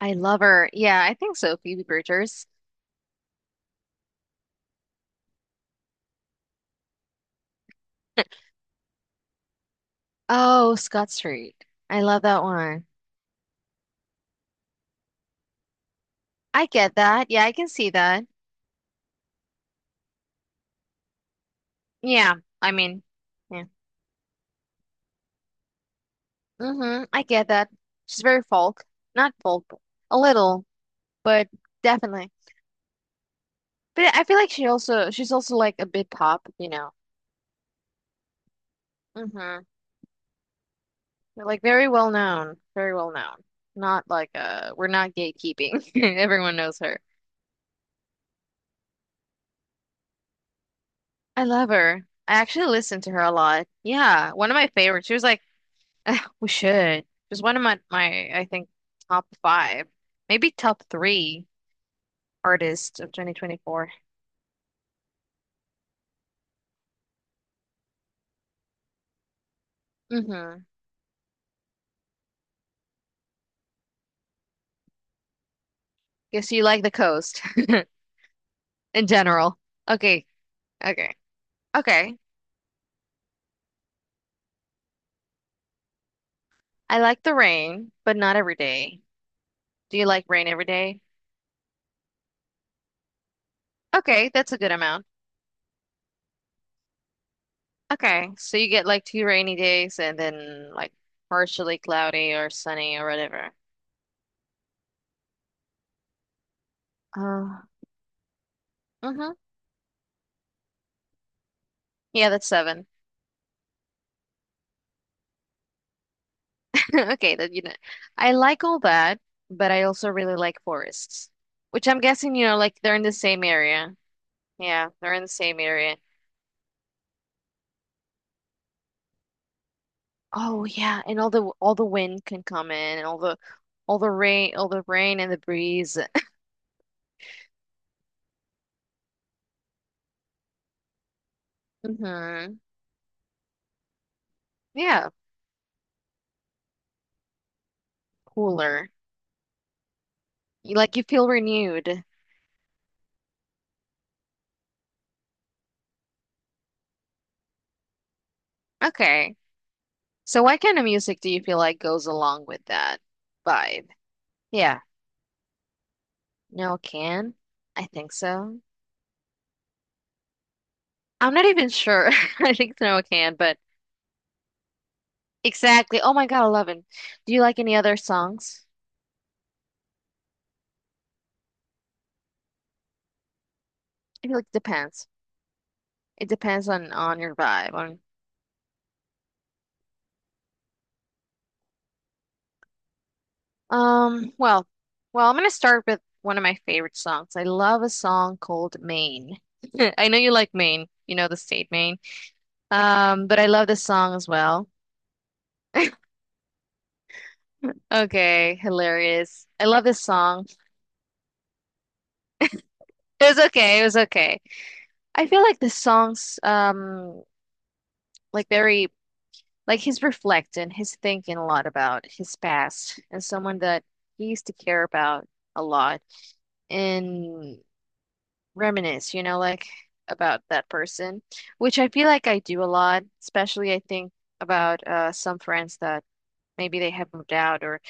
I love her. Yeah, I think so. Phoebe Bridgers. Oh, Scott Street. I love that one. I get that. Yeah, I can see that. Yeah, I mean, yeah. Mm-hmm. I get that. She's very folk. Not folk, but a little, but definitely. But I feel like she's also like a bit pop, Mm-hmm. Like very well known. Very well known. Not like we're not gatekeeping. Everyone knows her. I love her. I actually listen to her a lot. Yeah, one of my favorites. She was like we should. Just one of my I think top five, maybe top three artists of 2024. Mm-hmm. Guess you like the coast in general. Okay, okay, okay. I like the rain, but not every day. Do you like rain every day? Okay, that's a good amount. Okay, so you get like two rainy days and then like partially cloudy or sunny or whatever. Uh, mm-hmm. Yeah, that's seven. Okay, I like all that, but I also really like forests, which I'm guessing, like they're in the same area. Yeah, they're in the same area. Oh yeah, and all the wind can come in, and all the rain, all the rain and the breeze. Mm-hmm. Yeah, cooler. You, like you feel renewed. Okay. So what kind of music do you feel like goes along with that vibe? Yeah, no can. I think so. I'm not even sure. I think no can, but. Exactly. Oh my God, 11. Do you like any other songs? I feel like it depends. It depends on your vibe. On well, well, I'm gonna start with one of my favorite songs. I love a song called Maine. I know you like Maine. You know the state Maine. But I love this song as well. Okay, hilarious. I love this song. It was okay. It was okay. I feel like the songs like very like he's reflecting, he's thinking a lot about his past and someone that he used to care about a lot and reminisce, about that person, which I feel like I do a lot, especially I think about some friends that maybe they have moved out or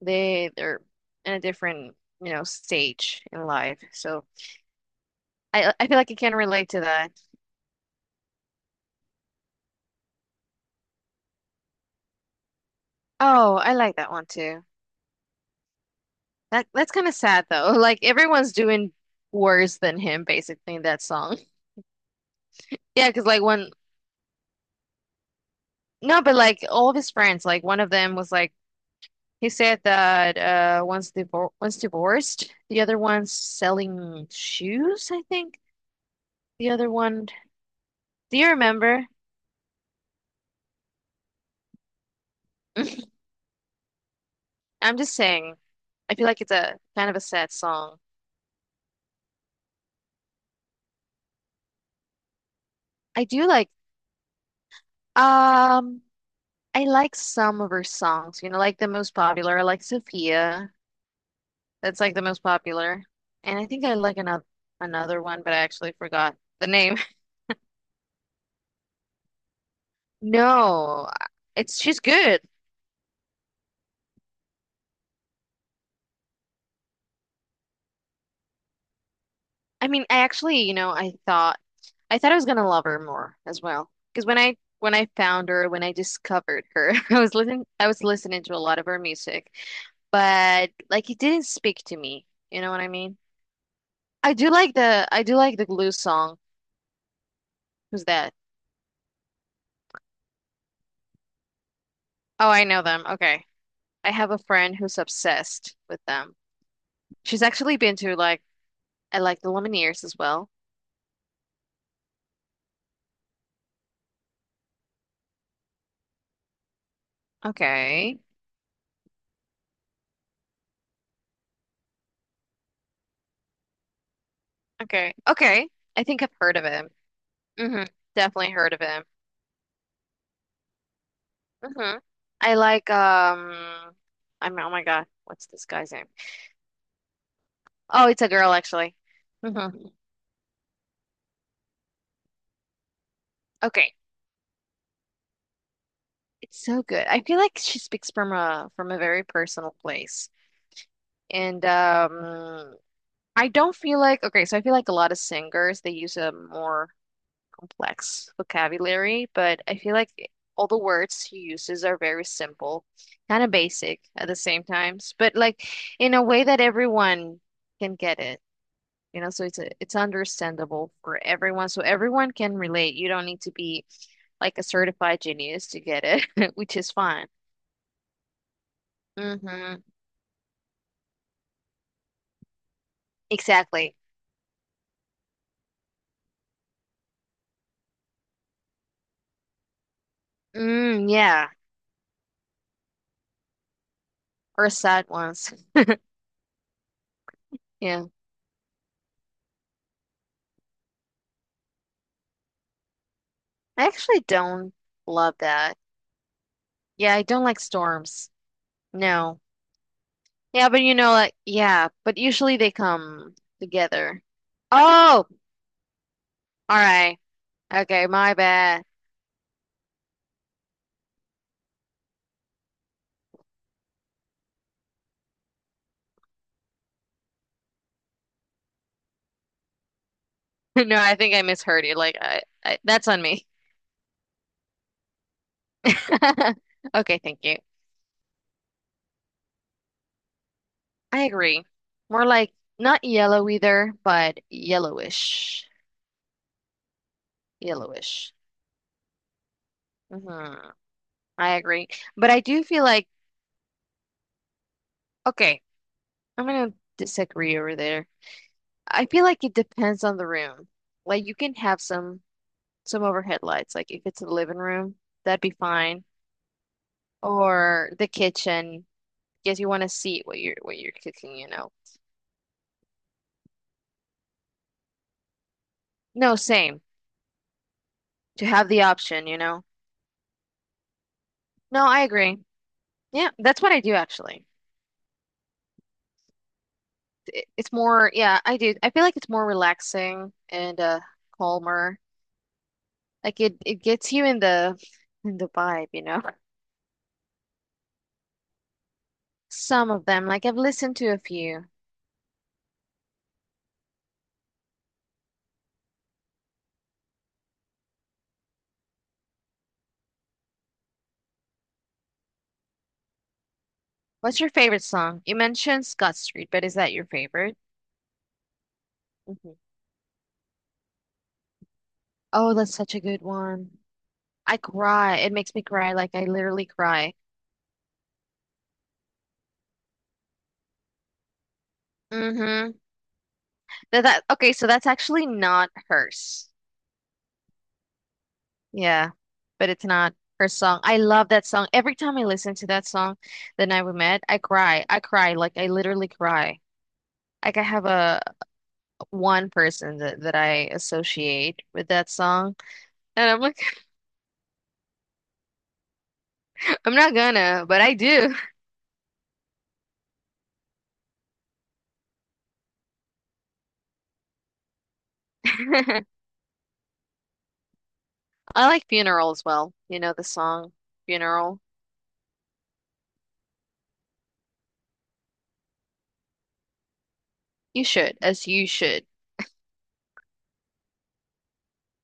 they're in a different, stage in life. So I feel like I can relate to that. Oh, I like that one too. That's kind of sad though. Like everyone's doing worse than him basically in that song. Yeah, because like when no, but like all of his friends, like one of them was like he said that once divorced, the other one's selling shoes, I think. The other one, do you remember? I'm just saying, I feel like it's a kind of a sad song. I do like um I like some of her songs, like the most popular, I like Sophia. That's like the most popular. And I think I like another one, but I actually forgot the name. No, it's she's good. I mean, I actually, I thought I was gonna love her more as well. Because when I found her, when I discovered her, I was listening to a lot of her music, but like it didn't speak to me. You know what I mean? I do like the Glue song. Who's that? Oh, I know them. Okay. I have a friend who's obsessed with them. She's actually been to like I like the Lumineers as well. Okay. Okay. Okay. I think I've heard of him. Hmm. Definitely heard of him. Hmm. I like I'm oh my God, what's this guy's name? Oh, it's a girl actually. Hmm. Okay. It's so good. I feel like she speaks from a very personal place. And I don't feel like okay, so I feel like a lot of singers they use a more complex vocabulary, but I feel like all the words he uses are very simple, kind of basic at the same times, but like in a way that everyone can get it. You know, so it's understandable for everyone, so everyone can relate. You don't need to be like a certified genius to get it, which is fine. Mm-hmm. Exactly. Mm, yeah. Or sad ones. Yeah. I actually don't love that. Yeah, I don't like storms. No. Yeah, but you know, like, yeah, but usually they come together. Oh, all right. Okay, my bad. No, I think I misheard you. Like, that's on me. Okay, thank you. I agree. More like not yellow either, but yellowish. Yellowish. Hmm. I agree. But I do feel like, okay, I'm gonna disagree over there. I feel like it depends on the room. Like, you can have some. Some overhead lights. Like if it's the living room, that'd be fine. Or the kitchen, because you want to see what you're cooking, you know. No, same. To have the option, you know. No, I agree. Yeah, that's what I do actually. It- It's more, yeah, I do. I feel like it's more relaxing and calmer. Like it gets you in the vibe, you know. Some of them, like I've listened to a few. What's your favorite song? You mentioned Scott Street, but is that your favorite? Mhm. Oh, that's such a good one. I cry. It makes me cry. Like I literally cry. Mm-hmm. That, that okay, so that's actually not hers. Yeah, but it's not her song. I love that song. Every time I listen to that song, The Night We Met, I cry. I cry. Like I literally cry. Like I have a one person that I associate with that song. And I'm like, I'm not gonna, but I do. I like Funeral as well. You know the song Funeral. You should, as you should.